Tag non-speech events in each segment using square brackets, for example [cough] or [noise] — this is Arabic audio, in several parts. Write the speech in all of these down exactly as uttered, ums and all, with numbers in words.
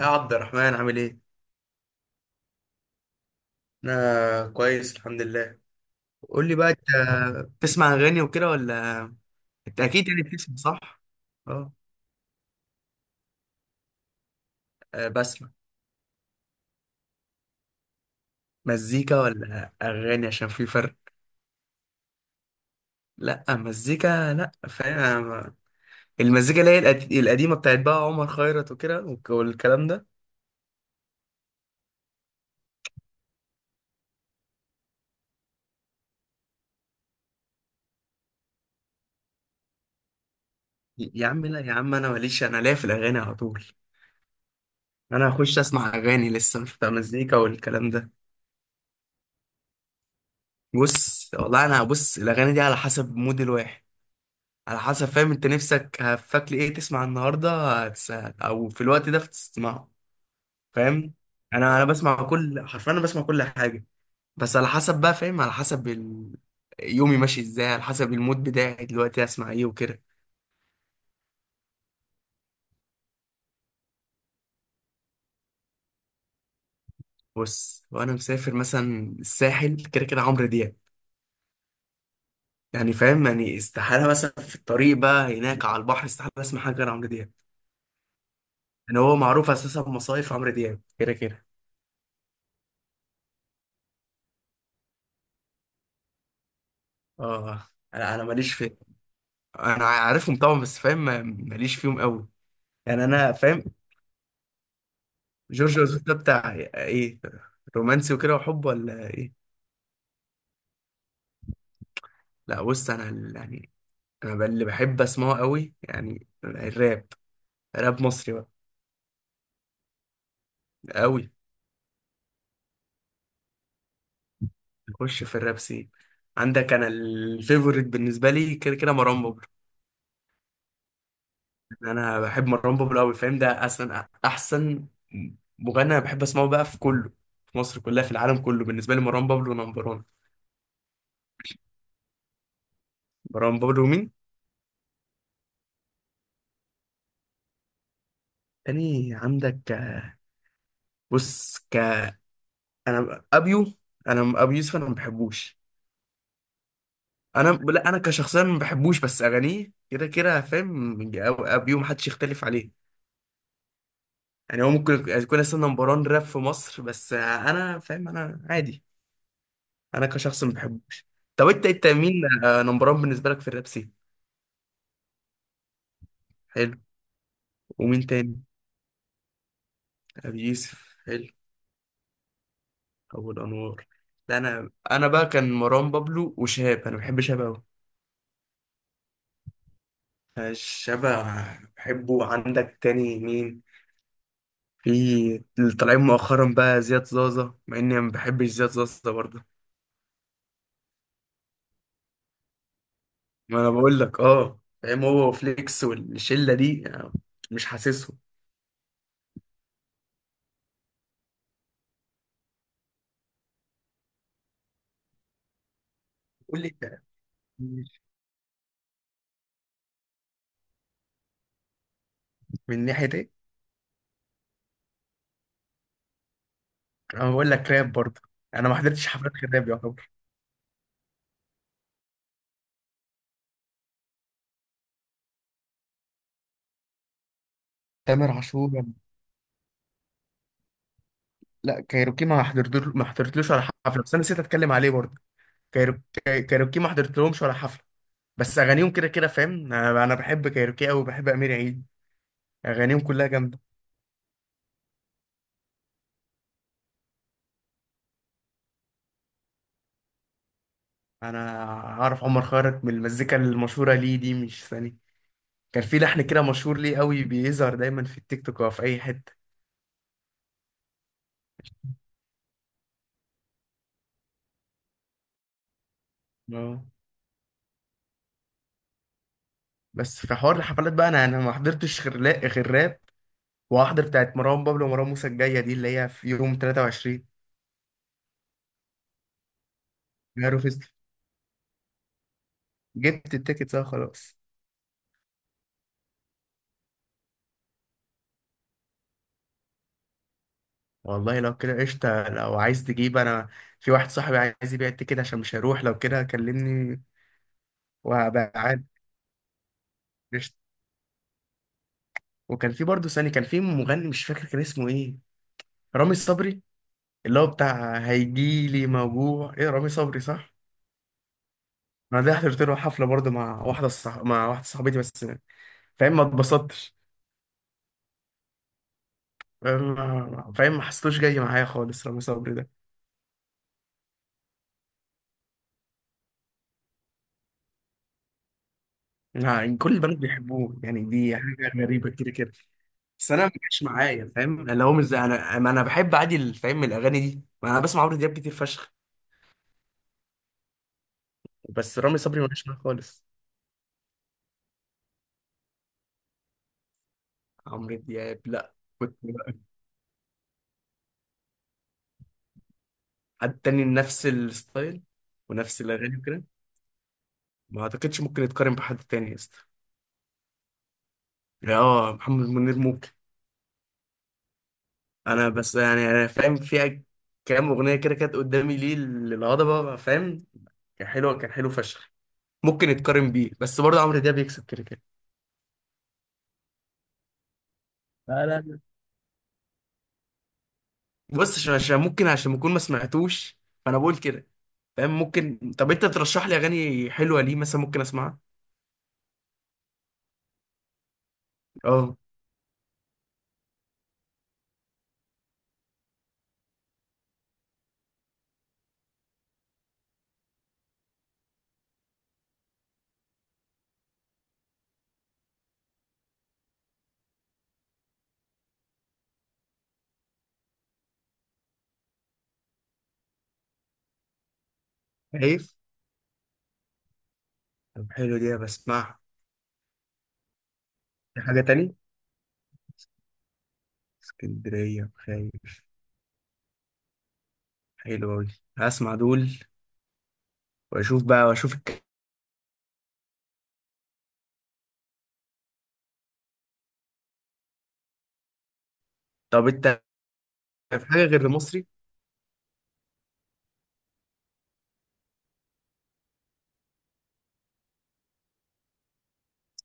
يا عبد الرحمن عامل ايه؟ انا كويس الحمد لله. قول لي بقى انت بتسمع اغاني وكده، ولا؟ انت اكيد يعني بتسمع، صح؟ اه آه، بسمع. مزيكا ولا اغاني؟ عشان في فرق. لا مزيكا، لا فاهم أنا ما- المزيكا اللي هي القد- القديمه بتاعت بقى عمر خيرت وكده والك- والكلام ده. يا عم، لا يا عم، انا ماليش، انا ليا في الاغاني على طول. انا هخش اسمع اغاني لسه، مش بتاع مزيكا والكلام ده. بص والله، انا بص الاغاني دي على حسب مود الواحد، على حسب فاهم، انت نفسك هفاك لي ايه تسمع النهارده، هتس- او في الوقت ده بتسمعه. فاهم، انا انا بسمع كل، حرفيا انا بسمع كل حاجه. بس على حسب بقى، فاهم، على حسب ال... يومي ماشي ازاي، على حسب المود بتاعي دلوقتي اسمع ايه وكده. بص، وانا مسافر مثلا الساحل، كده كده عمرو دياب. يعني فاهم، يعني استحاله مثلا في الطريق بقى هناك على البحر، استحاله اسمع حاجه غير عمرو دياب. يعني هو معروف اساسا بمصايف عمرو دياب كده كده. اه، انا انا ماليش في. انا عارفهم طبعا، بس فاهم، ما- ماليش فيهم قوي. يعني انا فاهم. جورج وسوف ده بتاع ايه؟ رومانسي وكده وحب ولا ايه؟ لا بص، انا ال- يعني، انا ب- اللي بحب اسمعه قوي يعني الراب، راب مصري بقى، قوي. اخش في الراب سين عندك، انا الفيفوريت بالنسبه لي كده كده مروان بابلو. يعني انا بحب مروان بابلو قوي، فاهم، ده اصلا احسن مغني انا بحب اسمعه بقى، في كله، في مصر كلها، في العالم كله، بالنسبه لي مروان بابلو نمبر واحد. مروان بابلو مين؟ تاني عندك، بص ك انا ابيو، انا ابو يوسف، انا ما بحبوش. انا لا، انا كشخصيا ما بحبوش، بس اغانيه كده كده فاهم. من- ابيو ما حدش يختلف عليه. يعني هو ممكن يكون اصلا نمبر واحد راب في مصر، بس انا فاهم انا عادي، انا كشخص ما بحبوش. طب انت انت مين نمبر واحد بالنسبه لك في الراب سين؟ حلو. ومين تاني؟ ابو يوسف حلو. ابو الانوار. ده انا انا بقى كان مروان بابلو وشهاب، انا بحب شهاب قوي. شهاب آه، بحبه. عندك تاني مين؟ في اللي طالعين مؤخرا بقى زياد زازا، مع اني ما بحبش زياد زازا برضه. ما انا بقول لك، اه، فاهم، هو وفليكس والشله دي يعني، مش حاسسهم. قول لي انت، من ناحيه ايه؟ انا بقول لك راب برضه. انا ما حضرتش حفلات غير راب يعتبر. تامر عاشور. لا كايروكي ما حضرتلوش ما حضرتلوش ولا حفله، بس انا نسيت اتكلم عليه برضه. كايرو... كاي- كايروكي ما حضرتلهمش ولا حفله، بس اغانيهم كده كده فاهم. انا أنا بحب كايروكي قوي، بحب امير عيد. اغانيهم كلها جامده. انا عارف عمر خيرت من المزيكا المشهوره ليه دي، مش ثاني، كان في لحن كده مشهور ليه قوي، بيظهر دايما في التيك توك او في اي حته. اه. بس في حوار الحفلات بقى، انا انا ما حضرتش غير لا غير راب. وهحضر بتاعت مروان بابلو ومروان موسى الجايه دي، اللي هي في يوم ثلاثة وعشرين يناير فيستيفال. جبت التيكت بقى خلاص. والله لو كده قشطه، لو عايز تجيب، انا في واحد صاحبي عايز يبيع التيكت عشان مش هيروح، لو كده كلمني وهبقى عاد. قشطه. وكان في برضه ثاني، كان في مغني مش فاكر كان اسمه ايه، رامي صبري، اللي هو بتاع هيجيلي موجوع، ايه رامي صبري صح؟ انا ده حضرت له حفله برضه مع واحده صح... مع واحده صاحبتي، بس فاهم ما اتبسطتش. فاهم ما فاهم ما حسيتوش جاي معايا خالص رامي صبري ده. يعني كل البنات بيحبوه، يعني دي حاجه غريبه كده كده. بس انا ما جاش معايا فاهم، اللي هو مش زي انا، ما انا بحب عادي ال- فاهم الاغاني دي، ما انا بسمع عمرو دياب كتير فشخ. بس رامي صبري ما جاش معايا خالص. عمرو دياب لا. كنت حد تاني نفس الستايل ونفس الاغاني وكده. ما اعتقدش ممكن يتقارن بحد تاني يا اسطى. يعني اه، محمد منير ممكن. انا بس يعني انا فاهم فيها كام اغنيه كده كانت قدامي ليه للهضبه، فاهم. كان حلو، كان حلو فشخ. ممكن يتقارن بيه، بس برضه عمرو دياب بيكسب كده كده. لا، لا، لا. بص، عشان عشان ممكن، عشان بكون ما سمعتوش، فانا بقول كده. فاهم ممكن. طب انت ترشح لي اغاني حلوه ليه مثلا ممكن اسمعها؟ اه. خايف، طب حلو دي بسمعها. في حاجه تاني؟ اسكندريه، خايف، حلوه قوي. هسمع دول واشوف بقى واشوف. طب انت في حاجه غير المصري؟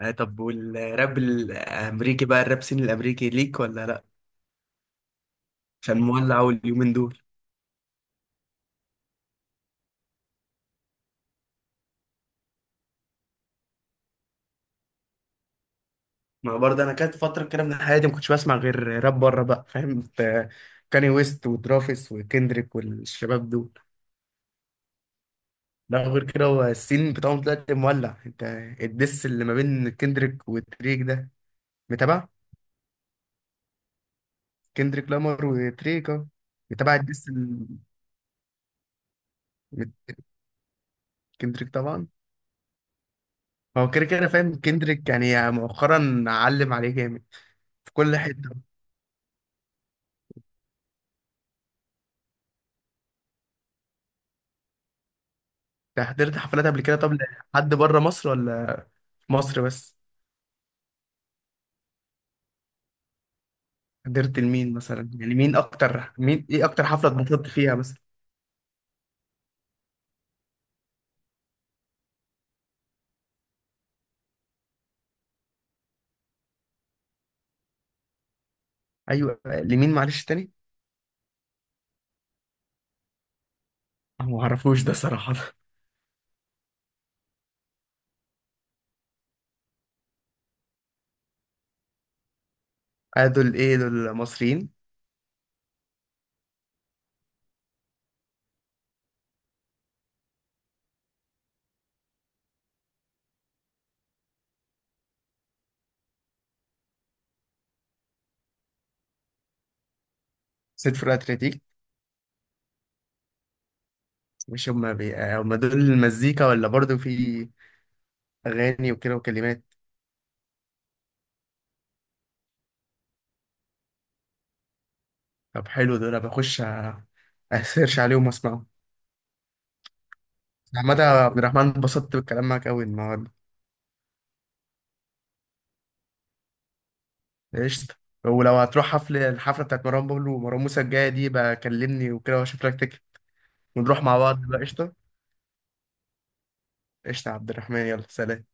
آه، طب والراب الامريكي بقى، الراب سين الامريكي ليك ولا لا؟ عشان مولع أوي اليومين دول. ما برضه انا كانت فتره كده من حياتي ما كنتش بسمع غير راب بره بقى فاهم، ت- كاني ويست وترافيس وكندريك والشباب دول. لا غير كده. هو السين بتاعهم دلوقتي مولع، انت. الدس اللي ما بين كندريك وتريك ده متابع؟ كندريك لامار وتريك اه. متابع الدس ال- كندريك طبعا. هو كده كده فاهم كندريك يعني مؤخرا علم عليه جامد في كل حتة. انت حضرت حفلات قبل كده طب؟ حد بره مصر ولا في مصر بس؟ حضرت لمين مثلا؟ يعني مين اكتر، مين ايه اكتر حفلة اتبسطت فيها مثلا؟ ايوه، لمين معلش تاني؟ أنا ما اعرفوش ده صراحة. [laughs] آه، دول ايه، دول مصريين؟ سيد فرقة اتلتيك. مش هما بي... آه، هما دول المزيكا ولا برضو في اغاني وكده وكلمات؟ طب حلو دول، بخش أ- اسيرش عليهم واسمعهم. احمد عبد الرحمن، اتبسطت بالكلام معاك قوي النهارده. قشطة. ولو هتروح حفلة، الحفلة بتاعت مروان بابلو ومروان موسى الجاية دي بقى كلمني وكده، واشوف لك تكت ونروح مع بعض بقى. قشطة، قشطة يا عبد الرحمن، يلا سلام.